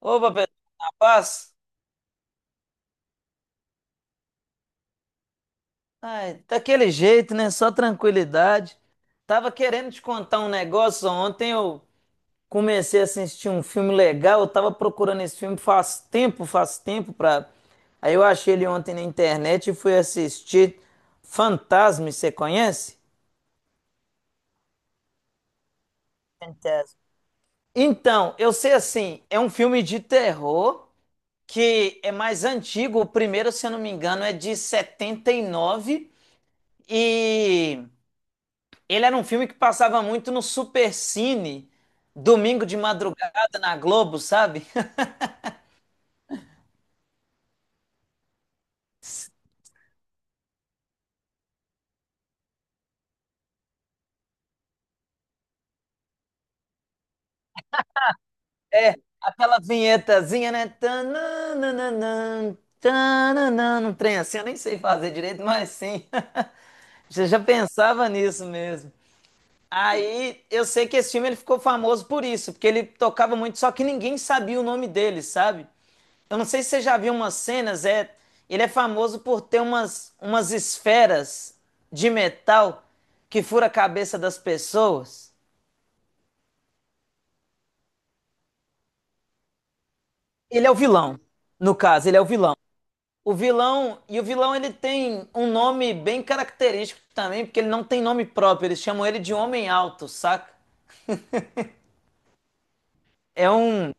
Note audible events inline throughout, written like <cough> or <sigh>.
Opa, pessoal, na paz? Ai, daquele jeito, né? Só tranquilidade. Tava querendo te contar um negócio. Ontem eu comecei a assistir um filme legal. Eu tava procurando esse filme faz tempo pra. Aí eu achei ele ontem na internet e fui assistir Fantasma, você conhece? Fantasma. Então, eu sei assim, é um filme de terror que é mais antigo. O primeiro, se eu não me engano, é de 79 e ele era um filme que passava muito no Supercine, domingo de madrugada na Globo, sabe? <laughs> Aquela vinhetazinha, né? Tananana, tananana, um trem assim, eu nem sei fazer direito, mas sim. <laughs> Já pensava nisso mesmo. Aí eu sei que esse filme ele ficou famoso por isso, porque ele tocava muito, só que ninguém sabia o nome dele, sabe? Eu não sei se você já viu umas cenas, ele é famoso por ter umas esferas de metal que fura a cabeça das pessoas. Ele é o vilão, no caso, ele é o vilão. O vilão, e o vilão ele tem um nome bem característico também, porque ele não tem nome próprio, eles chamam ele de Homem Alto, saca? É um,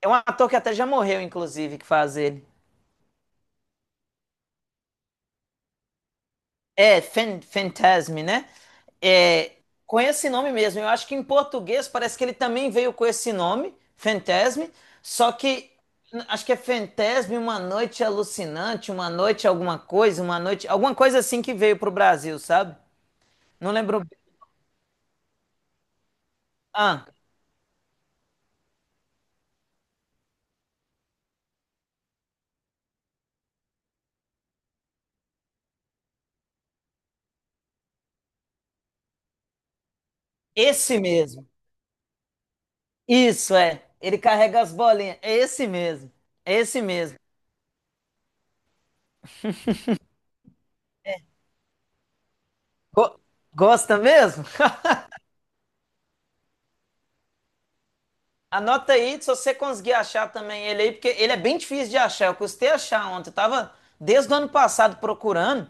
é um ator que até já morreu, inclusive, que faz ele. É, Fantasm, né? É, com esse nome mesmo. Eu acho que em português parece que ele também veio com esse nome, Fantasm, só que acho que é Fantasm, uma noite alucinante, uma noite alguma coisa, uma noite, alguma coisa assim que veio pro Brasil, sabe? Não lembro bem. Ah, esse mesmo. Isso é. Ele carrega as bolinhas. É esse mesmo. É esse mesmo. Go- gosta mesmo? <laughs> Anota aí, se você conseguir achar também ele aí, porque ele é bem difícil de achar. Eu custei achar ontem. Eu tava desde o ano passado procurando.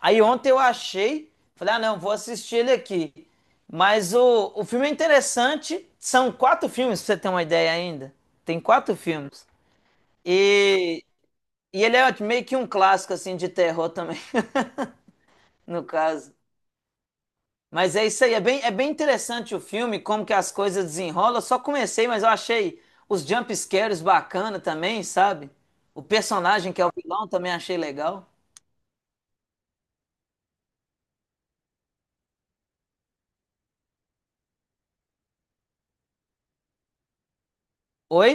Aí ontem eu achei. Falei, ah, não, vou assistir ele aqui. Mas o filme é interessante. São quatro filmes, pra você ter uma ideia ainda. Tem quatro filmes. E, e ele é meio que um clássico, assim, de terror também, <laughs> no caso. Mas é isso aí, é bem interessante o filme, como que as coisas desenrolam. Eu só comecei, mas eu achei os jump scares bacana também, sabe? O personagem que é o vilão também achei legal. Oi?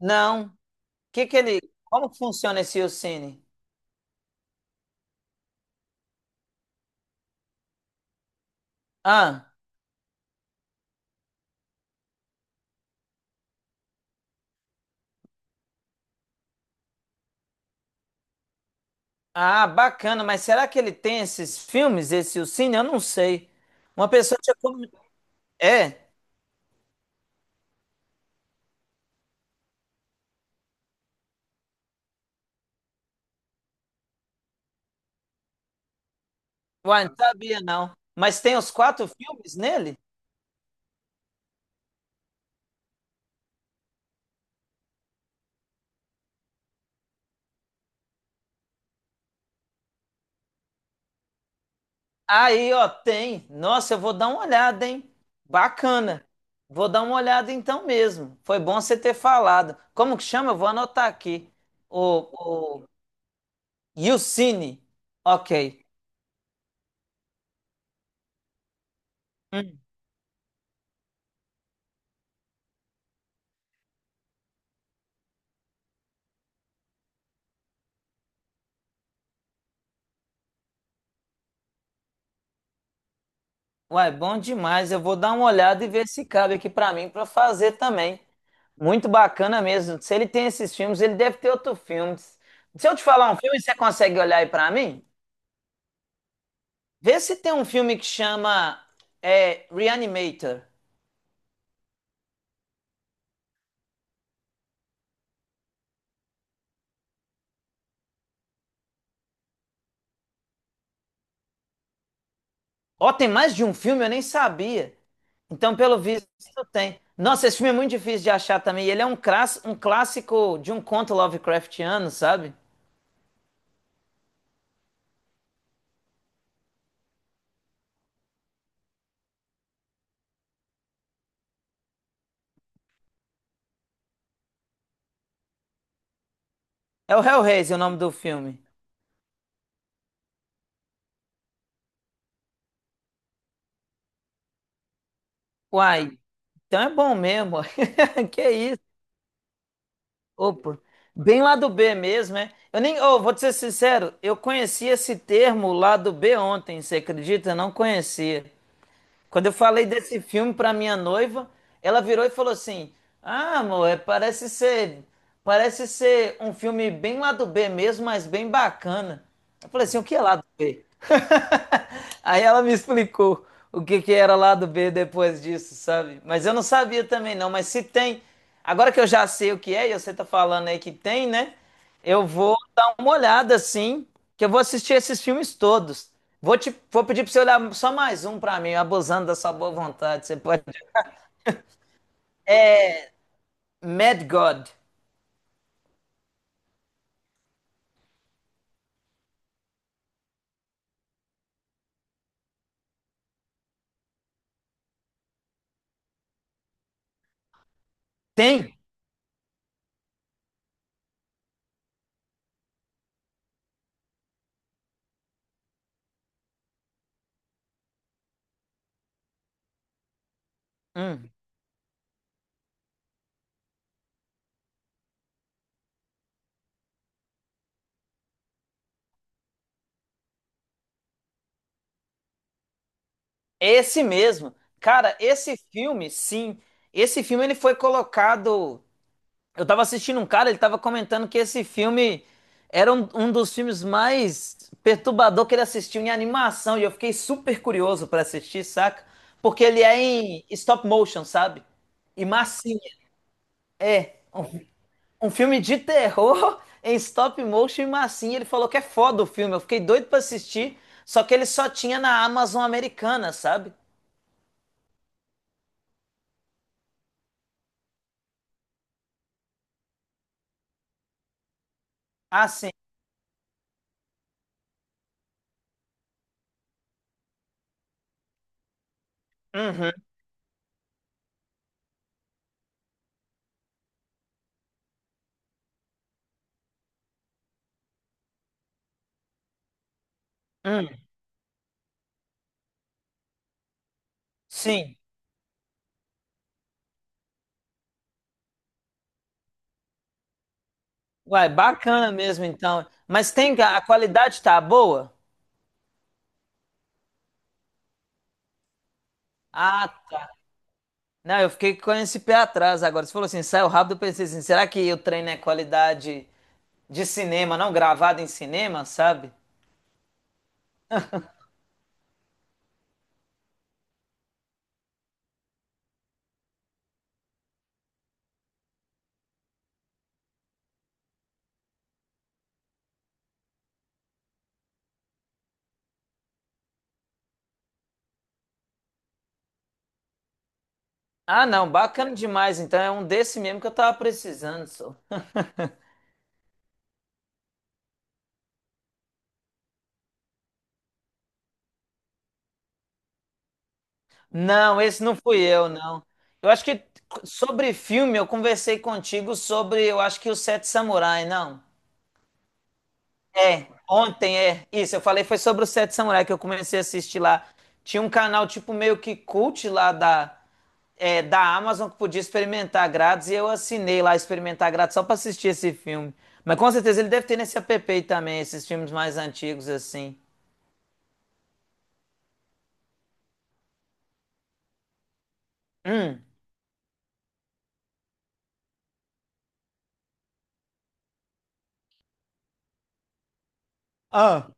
Não. Que ele, como que funciona esse Yucine? Ah, ah, bacana, mas será que ele tem esses filmes, esse Yucine? Eu não sei. Uma pessoa tinha como... É, uai, não sabia não. Mas tem os quatro filmes nele? Aí, ó, tem. Nossa, eu vou dar uma olhada, hein? Bacana. Vou dar uma olhada então mesmo. Foi bom você ter falado. Como que chama? Eu vou anotar aqui. O Yucine. Ok. Hum. Uai, bom demais. Eu vou dar uma olhada e ver se cabe aqui pra mim pra fazer também. Muito bacana mesmo. Se ele tem esses filmes, ele deve ter outros filmes. Se eu te falar um filme, você consegue olhar aí pra mim? Vê se tem um filme que chama Reanimator. Ó, tem mais de um filme, eu nem sabia. Então, pelo visto, tem. Nossa, esse filme é muito difícil de achar também. E ele é um, um clássico de um conto Lovecraftiano, sabe? É o Hellraiser, o nome do filme. Uai, então é bom mesmo. <laughs> Que isso? Opa, bem lá do B mesmo, é? Eu nem, oh, vou te ser sincero, eu conheci esse termo lá do B ontem, você acredita? Eu não conhecia. Quando eu falei desse filme pra minha noiva, ela virou e falou assim: Ah, amor, parece ser um filme bem lá do B mesmo, mas bem bacana. Eu falei assim: O que é lá do B? <laughs> Aí ela me explicou o que que era lá do B depois disso, sabe? Mas eu não sabia também não, mas se tem, agora que eu já sei o que é, e você tá falando aí que tem, né? Eu vou dar uma olhada, sim, que eu vou assistir esses filmes todos. Vou te, vou pedir pra você olhar só mais um pra mim, abusando da sua boa vontade. Você pode. É Mad God. Tem? Hum, esse mesmo. Cara, esse filme, sim. Esse filme ele foi colocado eu tava assistindo um cara, ele tava comentando que esse filme era um dos filmes mais perturbador que ele assistiu em animação, e eu fiquei super curioso pra assistir, saca? Porque ele é em stop motion, sabe? E massinha. É, um filme de terror <laughs> em stop motion e massinha. Ele falou que é foda o filme, eu fiquei doido pra assistir, só que ele só tinha na Amazon americana, sabe? Ah, sim. Uhum, uhum. Sim. Uai, bacana mesmo então. Mas tem a qualidade tá boa? Ah, tá. Não, eu fiquei com esse pé atrás agora. Você falou assim, saiu rápido, eu pensei assim, será que o treino é qualidade de cinema, não gravado em cinema, sabe? Ah, não, bacana demais. Então é um desse mesmo que eu tava precisando, só. <laughs> Não, esse não fui eu, não. Eu acho que sobre filme eu conversei contigo sobre, eu acho que o Sete Samurai, não? É, ontem é. Isso, eu falei foi sobre o Sete Samurai que eu comecei a assistir lá. Tinha um canal tipo meio que cult lá da da Amazon que podia experimentar grátis e eu assinei lá experimentar grátis só pra assistir esse filme. Mas com certeza ele deve ter nesse app aí também, esses filmes mais antigos assim. Hum. Ah,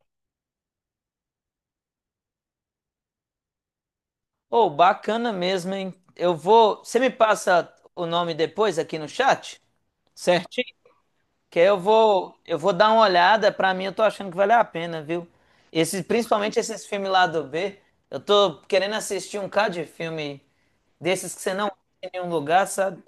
oh, bacana mesmo, hein? Eu vou. Você me passa o nome depois aqui no chat? Certinho? Que aí eu vou dar uma olhada. Pra mim, eu tô achando que vale a pena, viu? Esse, principalmente esses filmes lá do B. Eu tô querendo assistir um cara de filme desses que você não tem em nenhum lugar, sabe?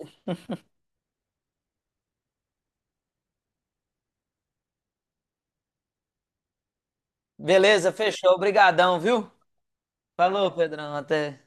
Beleza, fechou. Obrigadão, viu? Falou, Pedrão. Até.